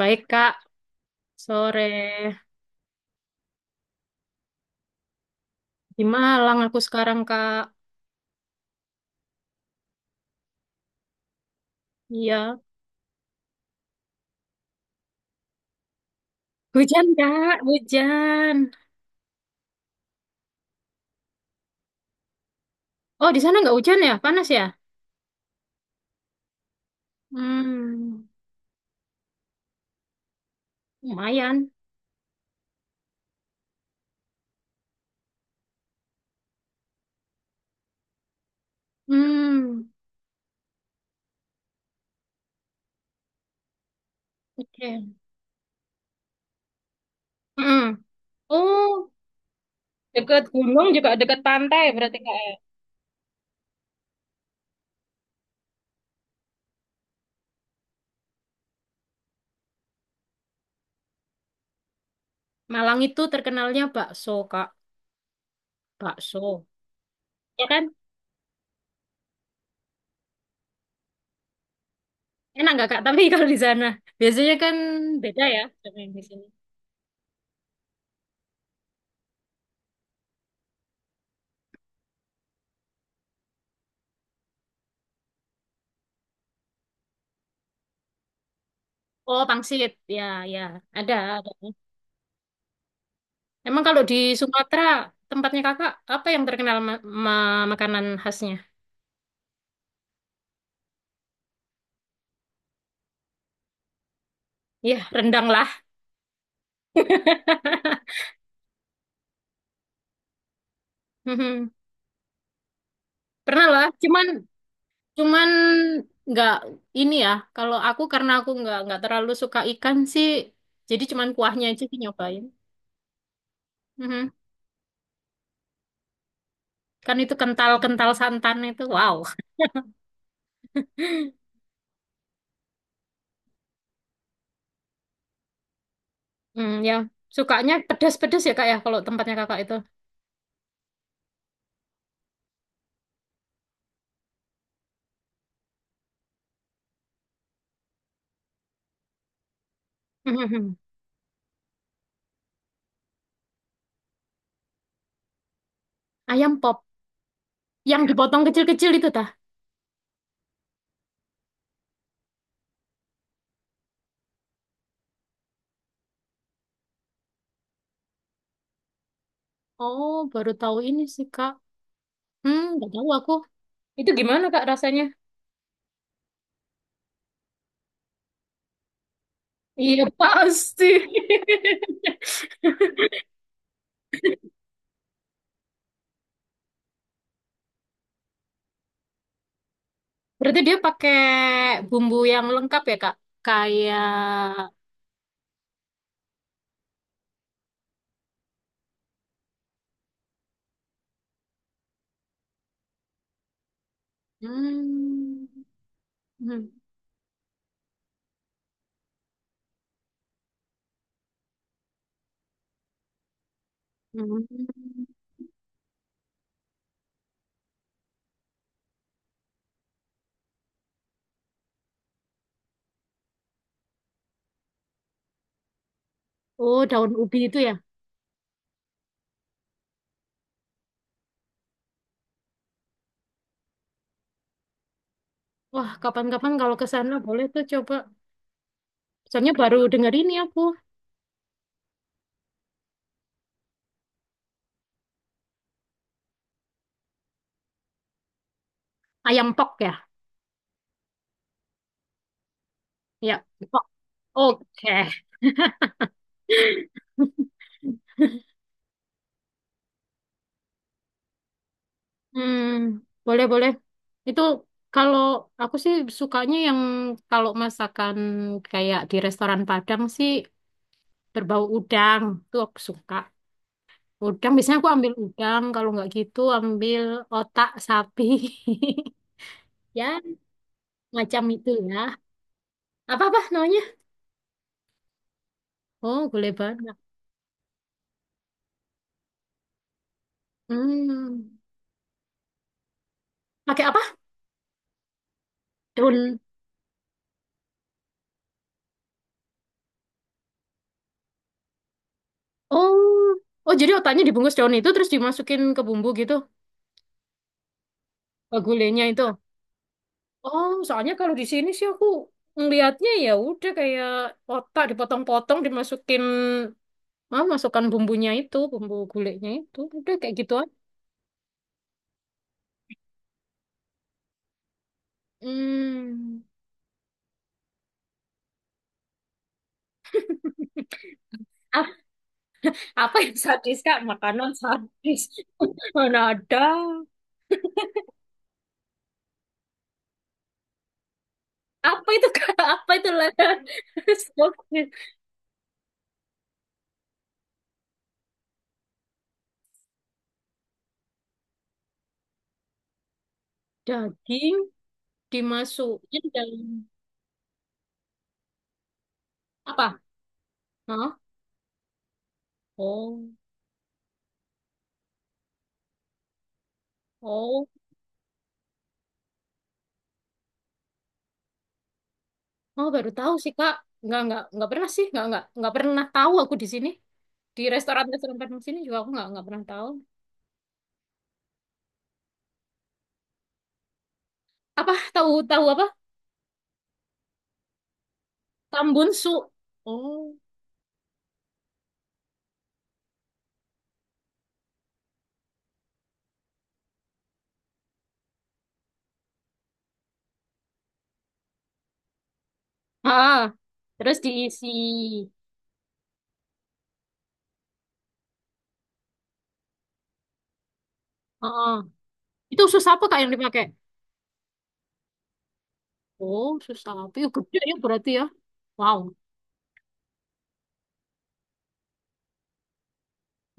Baik, Kak. Sore di Malang aku sekarang, Kak. Iya. Hujan, Kak. Hujan. Oh, di sana nggak hujan ya? Panas ya? Hmm, lumayan. Hmm, oke. Hmm. Oh, dekat gunung juga dekat pantai berarti, Kak, ya? Malang itu terkenalnya bakso, Kak. Bakso. Ya kan? Enak nggak, Kak? Tapi kalau di sana. Biasanya kan beda ya sama yang di sini. Oh, pangsit. Ya, ya. Ada, ada. Emang kalau di Sumatera, tempatnya kakak, apa yang terkenal makanan khasnya? Ya, rendang lah. Mhm. Pernah lah, cuman cuman nggak ini ya. Kalau aku karena aku nggak terlalu suka ikan sih, jadi cuman kuahnya aja sih nyobain. Mhm. Kan itu kental-kental santan itu, wow. Ya, sukanya pedas-pedas ya kak ya kalau tempatnya kakak itu. Mhm. Ayam pop, yang dipotong kecil-kecil itu tah. Oh, baru tahu ini sih kak. Nggak tahu aku. Itu gimana Kak rasanya? Iya pasti. Berarti dia pakai bumbu yang lengkap ya Kak? Kayak hmm, hmm, hmm. Oh, daun ubi itu ya. Wah, kapan-kapan kalau ke sana boleh tuh coba. Soalnya baru denger ini aku. Ayam pok ya? Ya, pok. Oke. Hmm, boleh boleh. Itu kalau aku sih sukanya yang kalau masakan kayak di restoran Padang sih berbau udang tuh aku suka udang, biasanya aku ambil udang, kalau nggak gitu ambil otak sapi ya macam itu, ya apa apa namanya, oh gulai banyak, hmm pakai apa daun, oh oh jadi otaknya dibungkus daun itu terus dimasukin ke bumbu gitu, ke gulainya itu. Oh, soalnya kalau di sini sih aku ngelihatnya ya udah kayak otak dipotong-potong dimasukin, masukkan bumbunya itu bumbu gulainya itu udah kayak gitu aja. Hmm. Ap- Apa yang sadis kak, makanan sadis? Mana ada? Apa itu kak? Apa itu lah? Stoknya. Daging dimasukin dalam apa? Hah? Oh. Oh oh, baru tahu sih kak. Nggak pernah sih, nggak pernah tahu aku di sini, di restoran-restoran Padang sini juga aku nggak pernah tahu. Apa tahu tahu apa tambunsu. Oh, ah, terus diisi. Oh, itu sus apa kak yang dipakai? Oh, susah apa? Yuk, gede ya berarti ya. Wow.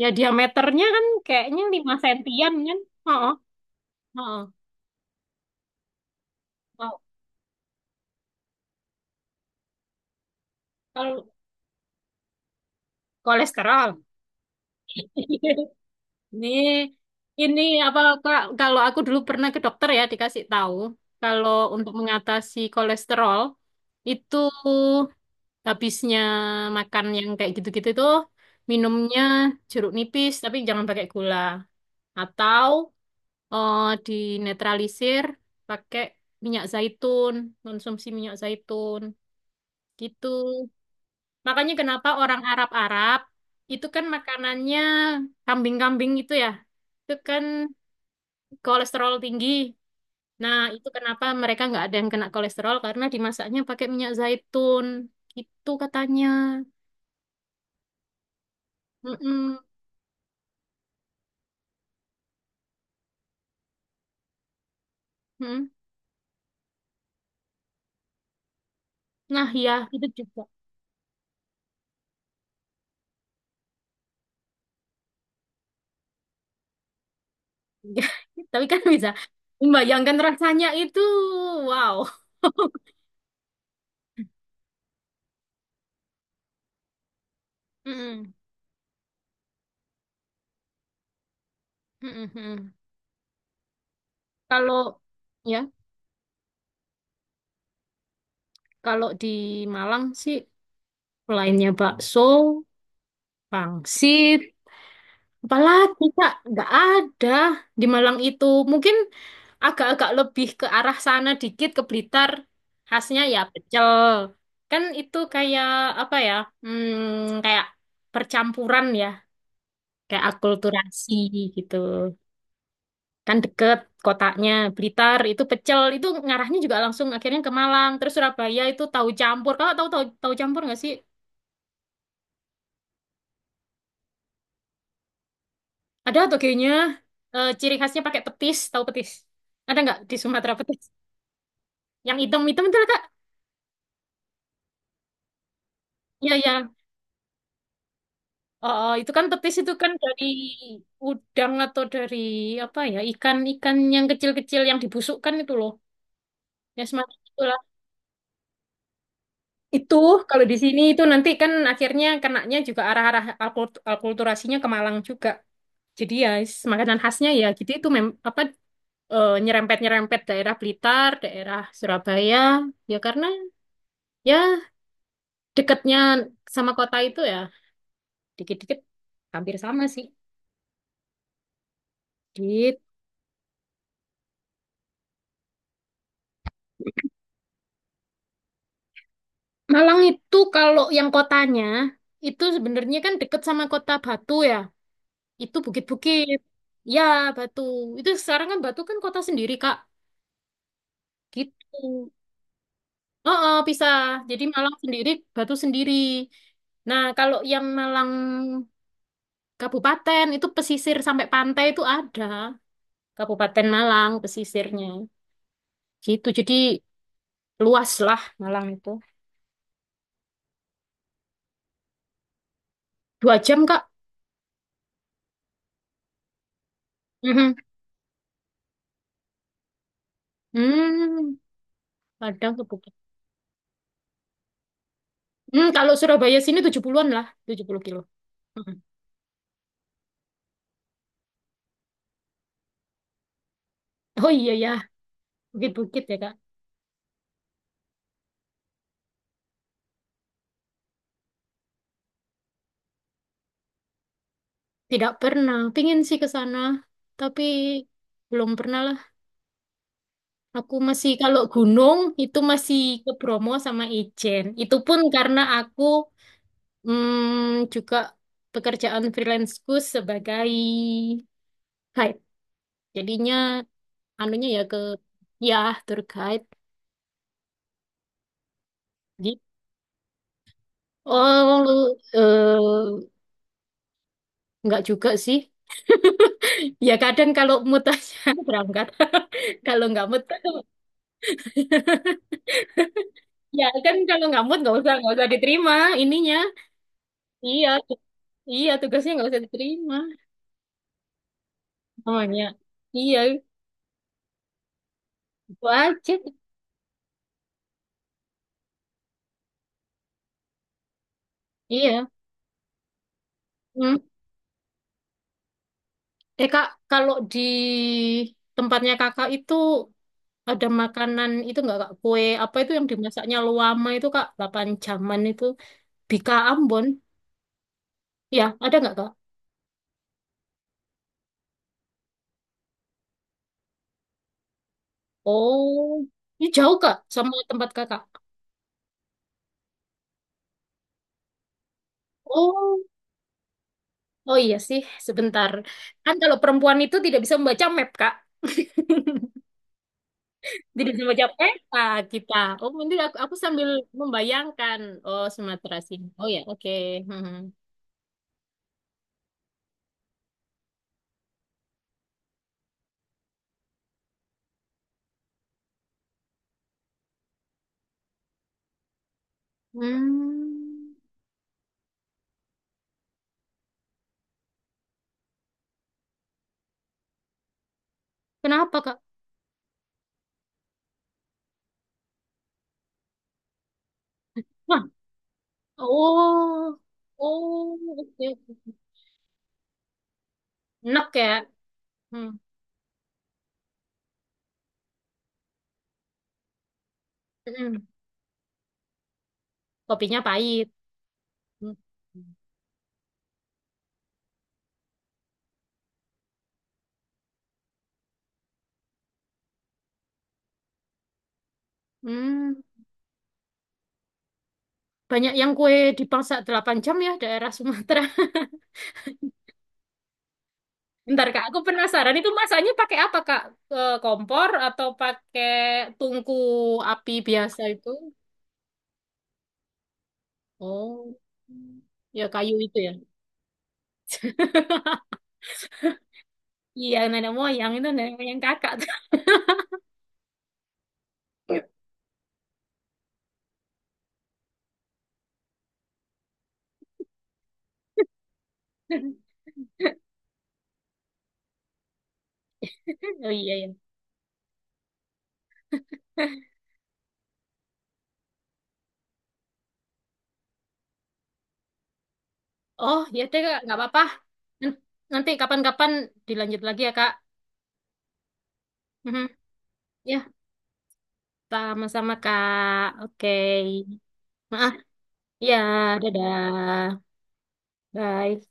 Ya diameternya kan kayaknya 5 sentian kan? Heeh, heeh. Wow. Kalau kolesterol. Ini ini apa Kak, kalau aku dulu pernah ke dokter ya dikasih tahu kalau untuk mengatasi kolesterol itu habisnya makan yang kayak gitu-gitu tuh, minumnya jeruk nipis tapi jangan pakai gula, atau dinetralisir pakai minyak zaitun, konsumsi minyak zaitun gitu. Makanya kenapa orang Arab-Arab itu kan makanannya kambing-kambing gitu ya. Itu kan kolesterol tinggi. Nah, itu kenapa mereka nggak ada yang kena kolesterol karena dimasaknya pakai minyak zaitun gitu katanya. Mm-mm, mm. Nah, ya itu juga. Tapi kan bisa membayangkan rasanya itu. Wow. Mm-mm. Mm, mm, mm. Kalau ya, kalau di Malang sih selainnya bakso, pangsit, apalagi Kak, nggak ada di Malang itu. Mungkin agak-agak lebih ke arah sana dikit ke Blitar, khasnya ya pecel. Kan itu kayak apa ya? Kayak percampuran ya, kayak akulturasi gitu. Kan deket kotanya, Blitar itu pecel itu ngarahnya juga langsung akhirnya ke Malang terus Surabaya itu tahu campur, kalau tahu, tahu campur nggak sih? Ada, atau kayaknya ciri khasnya pakai petis, tahu petis. Ada nggak di Sumatera petis yang hitam hitam itu lah, kak. Ya ya, oh, oh, itu kan petis itu kan dari udang, atau dari apa ya, ikan ikan yang kecil kecil yang dibusukkan itu loh, ya semacam itulah. Itu kalau di sini itu nanti kan akhirnya kenanya juga arah-arah alkulturasinya ke Malang juga. Jadi ya makanan khasnya ya gitu itu apa nyerempet-nyerempet daerah Blitar, daerah Surabaya, ya karena ya dekatnya sama kota itu ya, dikit-dikit hampir sama sih. Di Malang itu kalau yang kotanya itu sebenarnya kan deket sama kota Batu ya. Itu bukit-bukit. Ya, Batu. Itu sekarang kan Batu kan kota sendiri, Kak. Gitu. Oh, oh, pisah. Jadi Malang sendiri, Batu sendiri. Nah, kalau yang Malang Kabupaten itu pesisir sampai pantai itu ada. Kabupaten Malang pesisirnya. Gitu. Jadi luas lah Malang itu. 2 jam, Kak. Mhm. Hmm. Padang ke Bukit. Kalau Surabaya sini 70-an lah, 70 kilo. Mhm. Oh iya ya, bukit-bukit ya, Kak. Tidak pernah. Pingin sih ke sana, tapi belum pernah lah. Aku masih kalau gunung itu masih ke Bromo sama Ijen. Itu pun karena aku juga pekerjaan freelanceku sebagai guide. Jadinya anunya ya ke ya tour guide. Jadi, oh lu eh, nggak juga sih. Ya kadang kalau mood aja berangkat. Kalau nggak mood, ya kan, kalau nggak mood nggak usah diterima ininya. Iya iya tugasnya nggak usah diterima namanya. Iya itu aja. Iya. Hmm. Eh kak, kalau di tempatnya kakak itu ada makanan itu nggak Kak? Kue apa itu yang dimasaknya luama itu Kak? 8 jaman itu. Bika Ambon. Ya, ada nggak Kak? Oh, ini jauh Kak sama tempat Kakak. Oh, oh iya sih, sebentar. Kan kalau perempuan itu tidak bisa membaca map Kak. Tidak bisa membaca peta kita. Oh, ini aku sambil membayangkan. Oh, Sumatera sini. Oh ya, oke. Hmm. Hmm. Kenapa Kak? Wah, oh, oh, oke. Oke. Enak ya. Hmm. Mm-mm. Kopinya pahit. Hmm, banyak yang kue dipangsa 8 jam ya daerah Sumatera. Bentar Kak, aku penasaran itu masaknya pakai apa Kak? E, kompor atau pakai tungku api biasa itu? Oh, ya kayu itu ya. Iya, nenek moyang itu nenek moyang kakak. Oh iya ya. Oh, ya deh Kak, nggak apa-apa. N- Nanti kapan-kapan dilanjut lagi ya Kak. Mhm. Ya, sama-sama Kak. Oke. Maaf. Ya, dadah. Bye.